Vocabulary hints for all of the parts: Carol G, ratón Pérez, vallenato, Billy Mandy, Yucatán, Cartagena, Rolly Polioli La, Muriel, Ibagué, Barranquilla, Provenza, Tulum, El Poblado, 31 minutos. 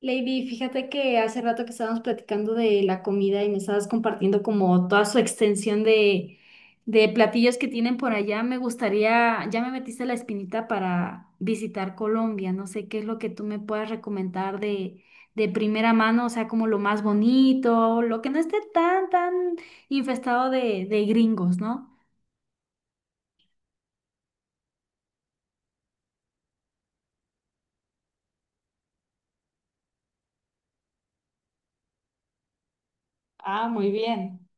Lady, fíjate que hace rato que estábamos platicando de la comida y me estabas compartiendo como toda su extensión de platillos que tienen por allá. Me gustaría, ya me metiste la espinita para visitar Colombia. No sé qué es lo que tú me puedas recomendar de primera mano, o sea, como lo más bonito, lo que no esté tan infestado de gringos, ¿no? Ah, muy bien.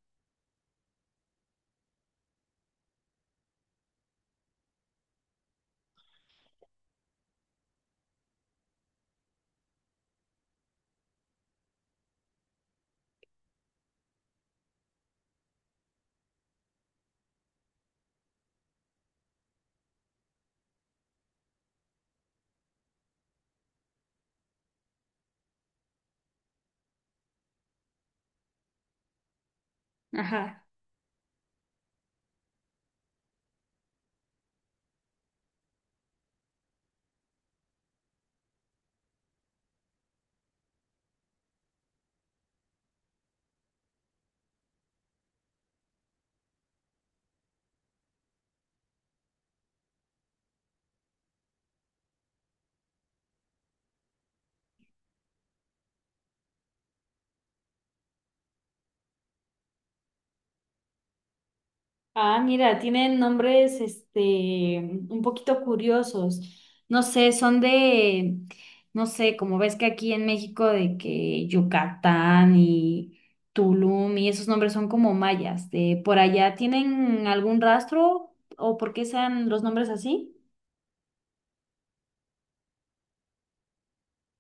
Ajá. Ah, mira, tienen nombres, un poquito curiosos. No sé, son de, no sé, como ves que aquí en México de que Yucatán y Tulum y esos nombres son como mayas. De por allá, ¿tienen algún rastro o por qué sean los nombres así?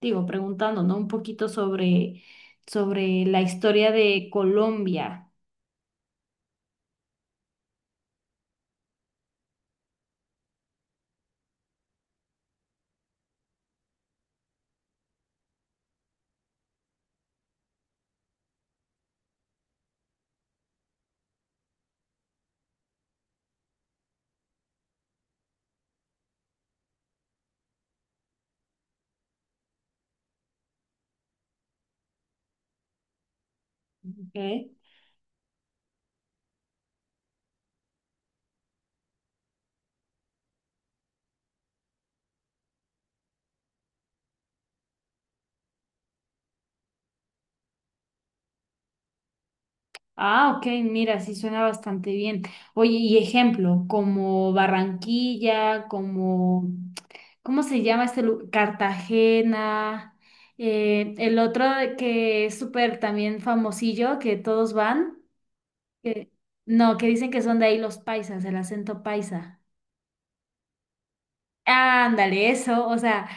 Digo, preguntando, ¿no? Un poquito sobre la historia de Colombia. ¿Ok? Ah, ok, mira, sí suena bastante bien. Oye, y ejemplo, como Barranquilla, como, ¿cómo se llama este lugar? Cartagena, el otro que es súper también famosillo, que todos van, que, no, que dicen que son de ahí los paisas, el acento paisa. Ándale, eso, o sea,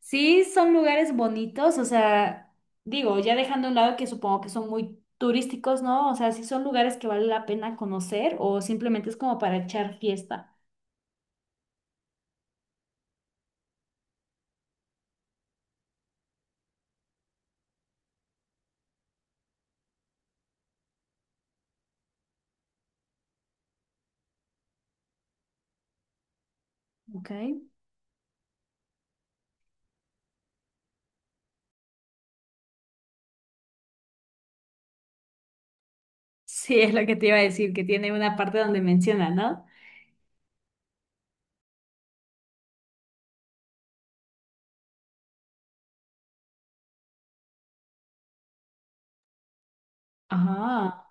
sí son lugares bonitos, o sea, digo, ya dejando a un lado que supongo que son muy turísticos, ¿no? O sea, sí son lugares que vale la pena conocer o simplemente es como para echar fiesta. Ok. Sí, es lo que te iba a decir, que tiene una parte donde menciona, ¿no? Ajá.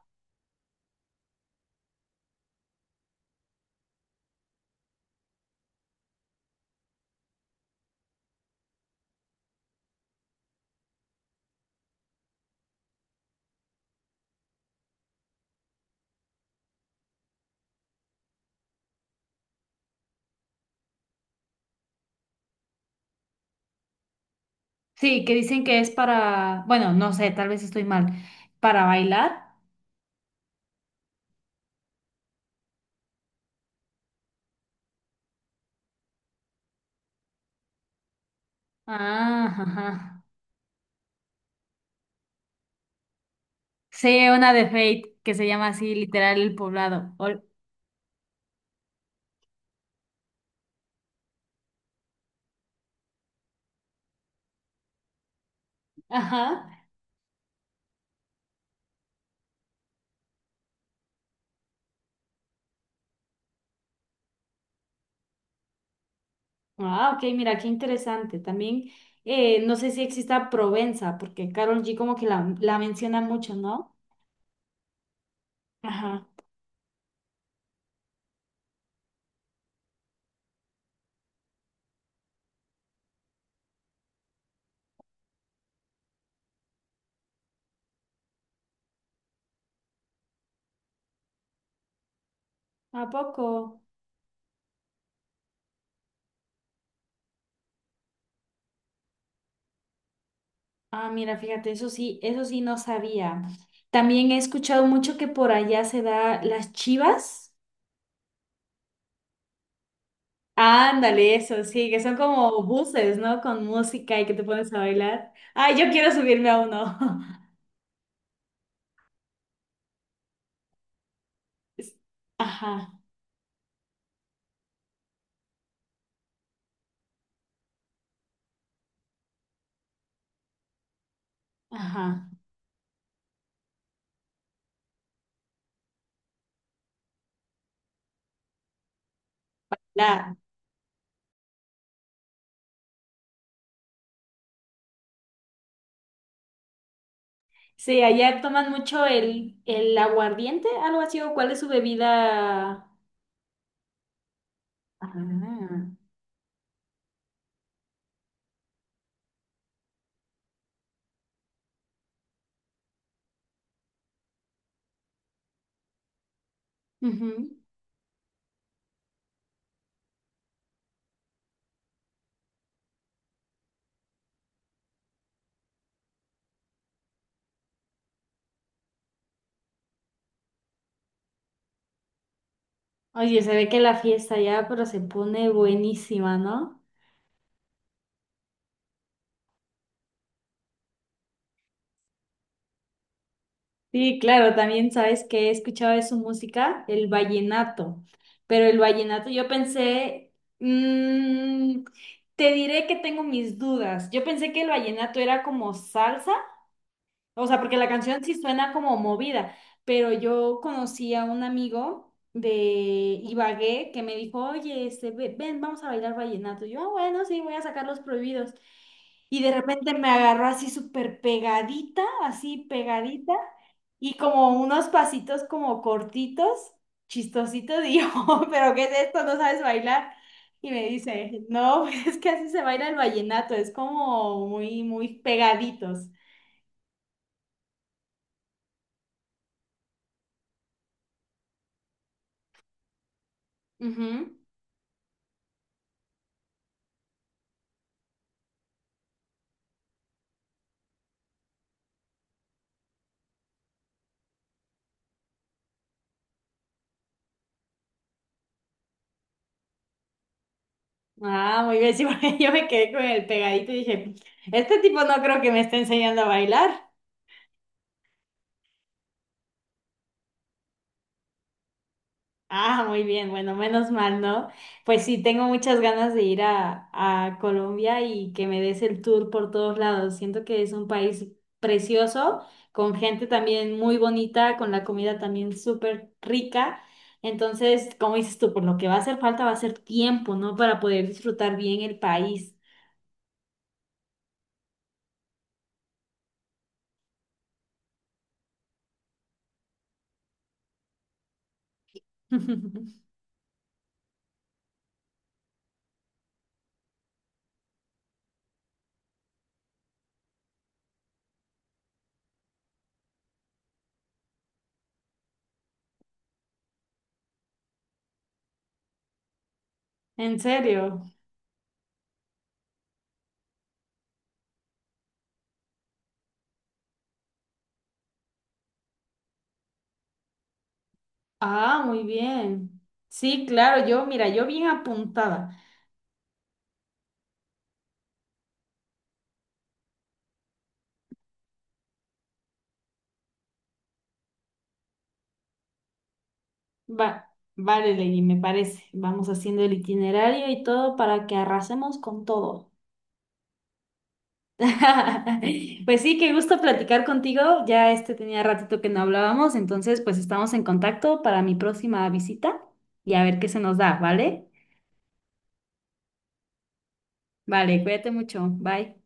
Sí, que dicen que es para, bueno, no sé, tal vez estoy mal, para bailar. Ah, ajá. Sí, una de Fate que se llama así, literal, El Poblado. Ol- Ajá. Ah, ok, mira, qué interesante. También, no sé si exista Provenza, porque Carol G como que la menciona mucho, ¿no? Ajá. ¿A poco? Ah, mira, fíjate, eso sí no sabía. También he escuchado mucho que por allá se da las chivas. Ándale, eso sí, que son como buses, ¿no? Con música y que te pones a bailar. Ay, yo quiero subirme a uno. Es- Ajá, ajá. La, sí, allá toman mucho el aguardiente, algo así, o cuál es su bebida. Ah. Ujú. Oye, se ve que la fiesta ya, pero se pone buenísima, ¿no? Sí, claro, también sabes que he escuchado de su música, el vallenato. Pero el vallenato yo pensé, mm, te diré que tengo mis dudas. Yo pensé que el vallenato era como salsa. O sea, porque la canción sí suena como movida, pero yo conocí a un amigo de Ibagué que me dijo, oye, ven, vamos a bailar vallenato. Y yo, "Ah, bueno, sí, voy a sacar los prohibidos". Y de repente me agarró así súper pegadita, así pegadita, y como unos pasitos como cortitos, chistositos, y yo, pero ¿qué es esto? ¿No sabes bailar? Y me dice, no, es que así se baila el vallenato, es como muy, muy pegaditos. Ujú. Ah, muy bien, sí, porque yo me quedé con el pegadito y dije, este tipo no creo que me esté enseñando a bailar. Ah, muy bien, bueno, menos mal, ¿no? Pues sí, tengo muchas ganas de ir a Colombia y que me des el tour por todos lados. Siento que es un país precioso, con gente también muy bonita, con la comida también súper rica. Entonces, como dices tú, por lo que va a hacer falta va a ser tiempo, ¿no? Para poder disfrutar bien el país. En serio. Ah, muy bien. Sí, claro, yo, mira, yo bien apuntada. Va, vale, Lady, me parece. Vamos haciendo el itinerario y todo para que arrasemos con todo. Pues sí, qué gusto platicar contigo. Ya tenía ratito que no hablábamos, entonces pues estamos en contacto para mi próxima visita y a ver qué se nos da, ¿vale? Vale, cuídate mucho. Bye.